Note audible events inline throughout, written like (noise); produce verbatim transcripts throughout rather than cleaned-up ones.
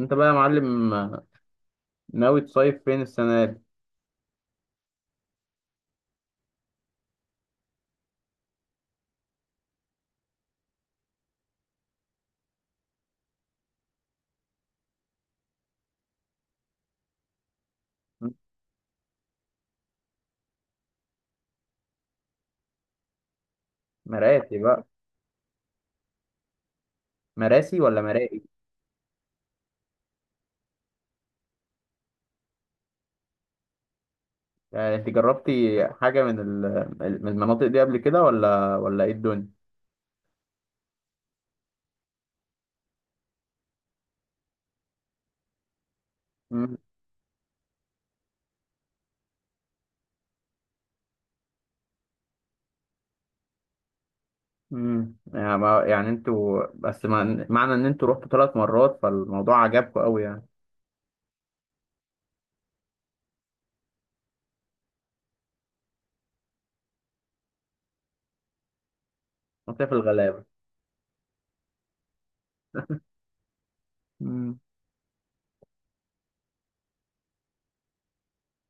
انت بقى يا معلم آه، ناوي تصيف فين السنة دي؟ مراسي بقى. مراسي ولا مرائي؟ يعني انت جربتي حاجة من ال- من المناطق دي قبل كده ولا ولا ايه الدنيا؟ مم. مم. يعني ما- يعني انتوا بس مع- معنى ان انتوا رحتوا ثلاث مرات فالموضوع عجبكم قوي يعني. مصيف الغلابة. مم.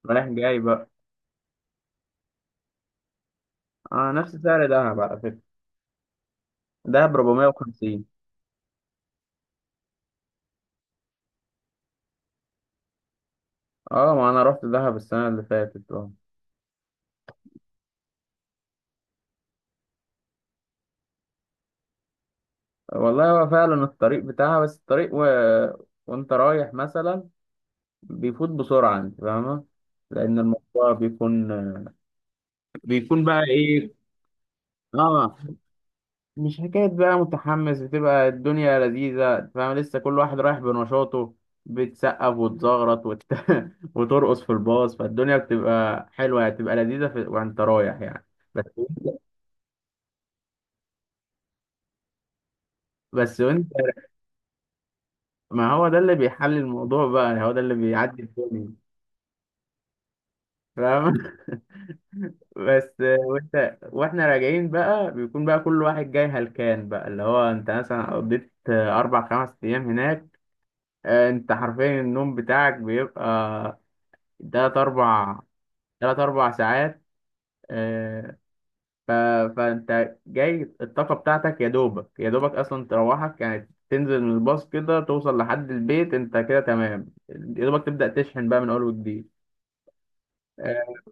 رايح جاي بقى. اه، نفس سعر دهب على فكرة. دهب اربعمية وخمسين. اه، ما انا رحت دهب السنة اللي فاتت آه. والله هو فعلا الطريق بتاعها، بس الطريق و... وانت رايح مثلا بيفوت بسرعة انت فاهمة. لأن الموضوع بيكون بيكون بقى ايه. اه، مش حكاية بقى متحمس، بتبقى الدنيا لذيذة أنت فاهمة، لسه كل واحد رايح بنشاطه. بتسقف وتزغرط وت... (laughs) وترقص في الباص فالدنيا بتبقى حلوة يعني، بتبقى لذيذة في... وانت رايح يعني. بس بس وانت. ما هو ده اللي بيحل الموضوع بقى، هو ده اللي بيعدي الدنيا فاهمة. بس، آه، وانت واحنا راجعين بقى بيكون بقى كل واحد جاي هلكان بقى اللي هو انت مثلا قضيت آه، اربع خمس ايام هناك. آه، انت حرفيا النوم بتاعك بيبقى تلات اربع تلات اربع ساعات. آه، ف... فانت جاي الطاقة بتاعتك يا دوبك يا دوبك اصلا تروحك، يعني تنزل من الباص كده توصل لحد البيت انت كده تمام، يا دوبك تبدأ تشحن بقى من اول وجديد. آه،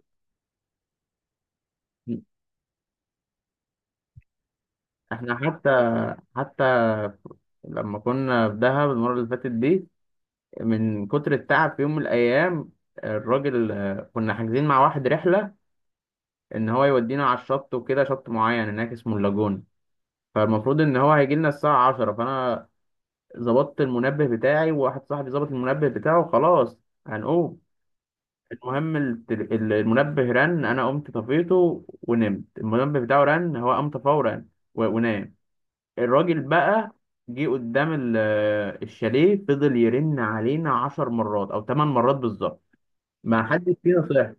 احنا حتى حتى لما كنا في دهب المرة اللي فاتت دي، من كتر التعب في يوم من الأيام، الراجل آه، كنا حاجزين مع واحد رحلة إن هو يودينا على الشط وكده، شط معين هناك اسمه اللاجون. فالمفروض إن هو هيجي لنا الساعة عشرة، فأنا ظبطت المنبه بتاعي وواحد صاحبي ظبط المنبه بتاعه. خلاص هنقوم. المهم التل- ال- المنبه رن، أنا قمت طفيته ونمت. المنبه بتاعه رن هو قام فورا و- ونام. الراجل بقى جه قدام ال- آه، الشاليه فضل يرن علينا عشر مرات أو تمن مرات بالظبط، ما حدش فينا صح.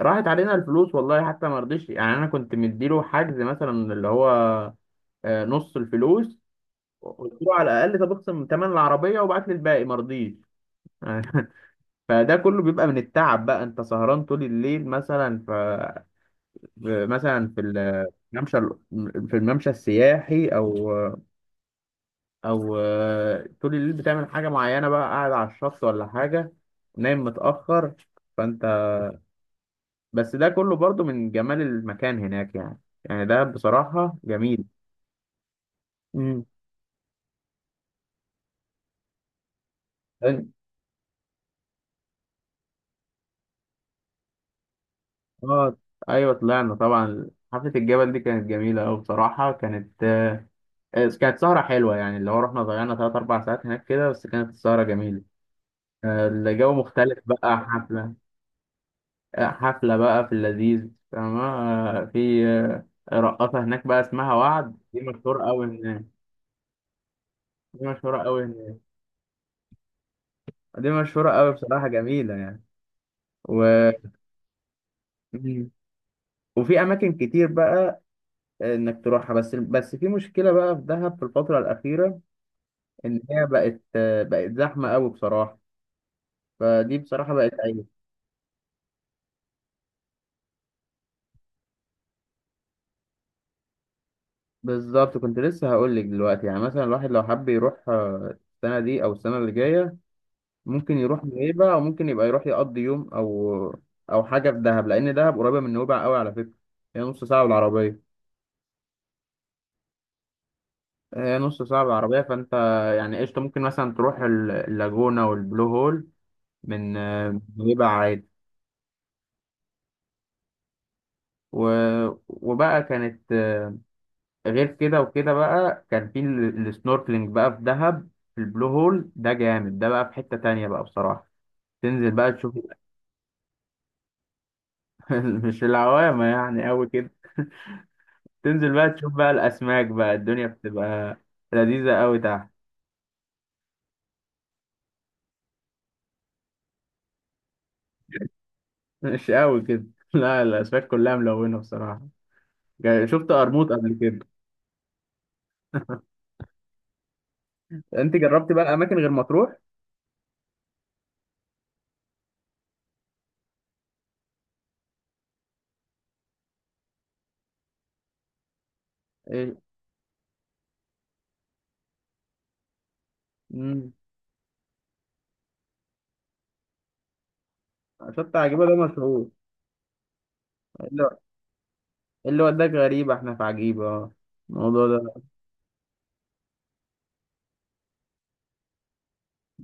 راحت علينا الفلوس والله. حتى ما رضيش، يعني انا كنت مديله حجز مثلا اللي هو آه، نص الفلوس. قلت له على الاقل طب اخصم ثمن العربيه وبعت لي الباقي، ما رضيش يعني. فده كله بيبقى من التعب بقى، انت سهران طول الليل مثلا ف... في- مثلا في الممشى، في الممشى السياحي او او آه، طول الليل بتعمل حاجه معينه بقى، قاعد على الشط ولا حاجه، نايم متاخر. فانت، بس ده كله برضو من جمال المكان هناك يعني. يعني ده بصراحة جميل. امم. اه، ايوه طلعنا طبعا حفلة الجبل دي كانت جميلة أوي بصراحة. كانت آه، آه، كانت سهرة حلوة يعني، اللي هو رحنا ضيعنا تلات أربع ساعات هناك كده، بس كانت السهرة جميلة. آه، الجو مختلف بقى حفلة آه، حفلة بقى في اللذيذ فاهمة، آه، في آه، رقاصة هناك بقى اسمها وعد. دي مشهورة أوي هناك. دي مشهورة أوي هناك. دي مشهورة أوي بصراحة، جميلة يعني. و... وفي اماكن كتير بقى انك تروحها، بس بس في مشكله بقى في دهب في الفتره الاخيره، ان هي بقت بقت زحمه قوي بصراحه. فدي بصراحه بقت عيب. بالظبط كنت لسه هقول لك دلوقتي، يعني مثلا الواحد لو حب يروح آه، السنه دي او السنه اللي جايه، ممكن يروح نويبع او ممكن يبقى يروح يقضي يوم او او حاجه في دهب، لان دهب قريبه من نويبع قوي على فكره. هي نص ساعه بالعربيه. هي نص ساعه بالعربيه، فانت يعني قشطه ممكن مثلا تروح ال- اللاجونه والبلو هول من آه، من نويبع عادي. و... وبقى كانت آه، غير كده وكده بقى كان في ال- السنوركلينج بقى في دهب. في البلو هول ده جامد. ده بقى في حتة تانية بقى بصراحة، تنزل بقى تشوف. (laughs) مش العوامة يعني أوي كده. تنزل بقى تشوف بقى الأسماك، بقى الدنيا بتبقى لذيذة أوي تحت. مش أوي كده. (laughs) لا، الأسماك كلها ملونة بصراحة. جا- شفت قرموط قبل كده؟ أنت جربت بقى الأماكن غير مطروح؟ إيه؟ مم. شط عجيبة ده مشهور. إيه اللي إيه اللي وداك؟ غريبة، احنا في عجيبة الموضوع ده.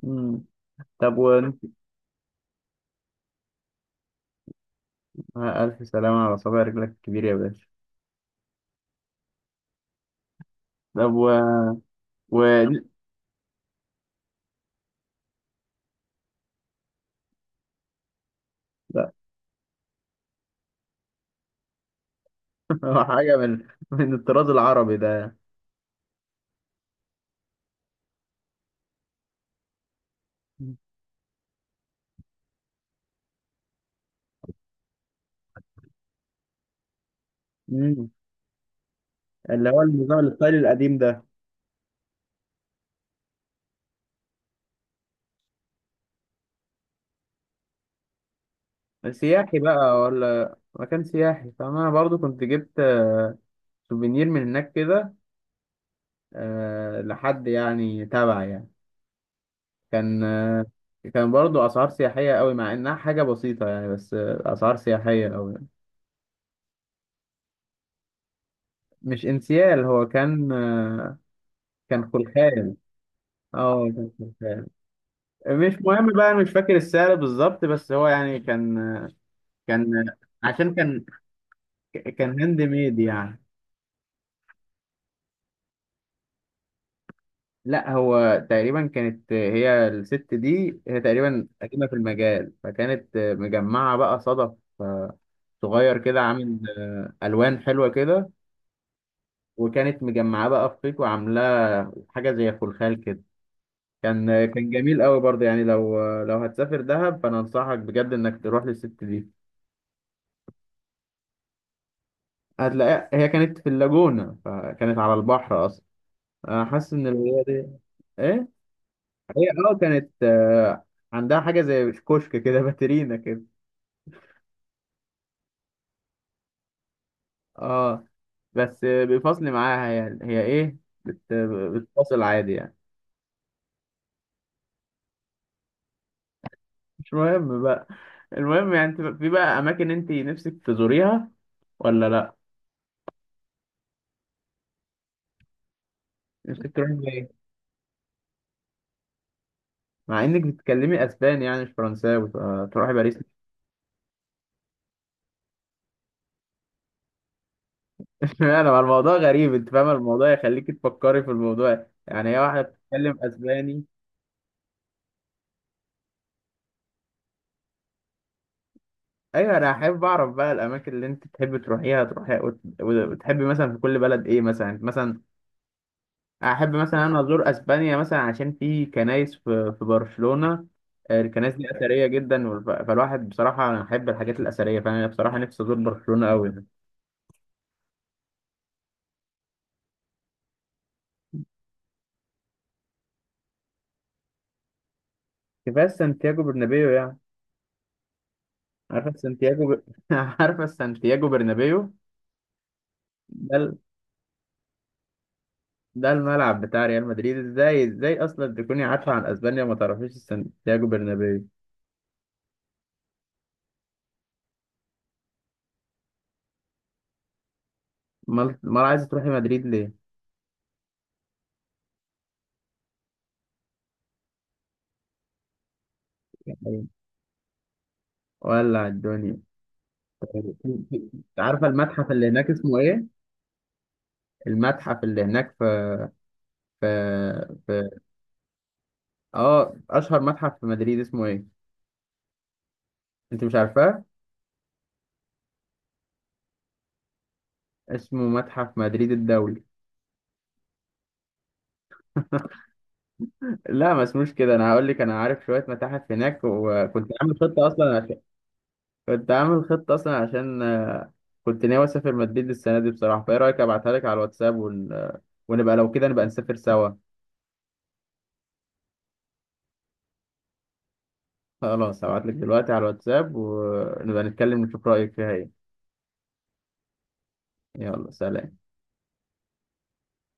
مم. طب وانت. آه، ألف سلامة على صابع رجلك الكبير يا باشا. طب و... و... لا. (laughs) حاجة من من الطراز العربي ده. مم. اللي هو النظام الستايل القديم ده. سياحي بقى ولا مكان سياحي، فأنا برضو كنت جبت آه، سوفينير من هناك كده، آه، لحد يعني تبع يعني. كان آه، كان برضو أسعار سياحية قوي مع إنها حاجة بسيطة يعني، بس آه، أسعار سياحية قوي. مش انسيال، هو كان آه، كان خلخال. اه، كان شغال. مش مهم بقى، انا مش فاكر السعر بالظبط، بس هو يعني كان. كان عشان كان كان هاند ميد يعني. لا، هو تقريبا كانت هي الست دي، هي تقريبا قديمة في المجال، فكانت مجمعة بقى صدف آه، صغير كده، عامل ألوان حلوة كده، وكانت مجمعاه بقى في خيط وعاملاه حاجة زي خلخال كده. كان كان جميل قوي برضه يعني، لو لو هتسافر دهب فأنا أنصحك بجد إنك تروح للست دي. هتلاقيها، هي كانت في اللاجونة فكانت على البحر أصلا. أنا حاسس إن الرياضة دي إيه؟ هي أه كانت آه، عندها حاجة زي كشك كده. (laughs) باترينا كده. أه، بس آه، بيفصل معاها يعني، هي إيه؟ بت... بتفصل عادي يعني. مش مهم بقى. المهم يعني أنت في بقى أماكن أنت نفسك تزوريها ولا لأ؟ نفسك تروحي فين؟ مع إنك بتتكلمي أسباني يعني مش فرنساوي، فتروحي باريس؟ انا الموضوع غريب انت فاهم، الموضوع يخليك تفكري في الموضوع، يعني هي واحده بتتكلم اسباني. ايوه، انا احب اعرف بقى الاماكن اللي انت تحب تروحيها تروحيها، وت- وتحبي مثلا في كل بلد ايه مثلا مثلا. احب مثلا انا ازور اسبانيا، مثلا عشان في كنايس في في برشلونه. آه، الكنايس دي اثريه جدا، والف- فالواحد بصراحه انا احب الحاجات الاثريه، فانا بصراحه نفسي ازور برشلونه قوي. كفايه سانتياغو برنابيو يعني. عارفه سانتياغو ب... (laughs) عارفه سانتياغو برنابيو ده. ده الملعب بتاع ريال مدريد. ازاي ازاي اصلا تكوني عارفه عن اسبانيا وما تعرفيش سانتياغو برنابيو؟ امال امال عايزه تروحي مدريد ليه؟ يعني ولع الدنيا انت. عارفه المتحف اللي هناك اسمه ايه؟ المتحف اللي هناك في في في اه اشهر متحف في مدريد اسمه ايه؟ انت مش عارفاه. اسمه متحف مدريد الدولي. لا، ما اسموش كده، انا هقول لك، انا عارف شويه متاحف هناك وكنت عامل خطه اصلا. كنت عامل خطة أصلا عشان آه، كنت ناوي أسافر مدريد السنة دي بصراحة، فإيه رأيك أبعتها لك على الواتساب ون... آه، ونبقى لو كده نبقى نسافر سوا. خلاص هبعت لك دلوقتي على الواتساب، ونبقى نتكلم نشوف رأيك فيها إيه. يلا سلام.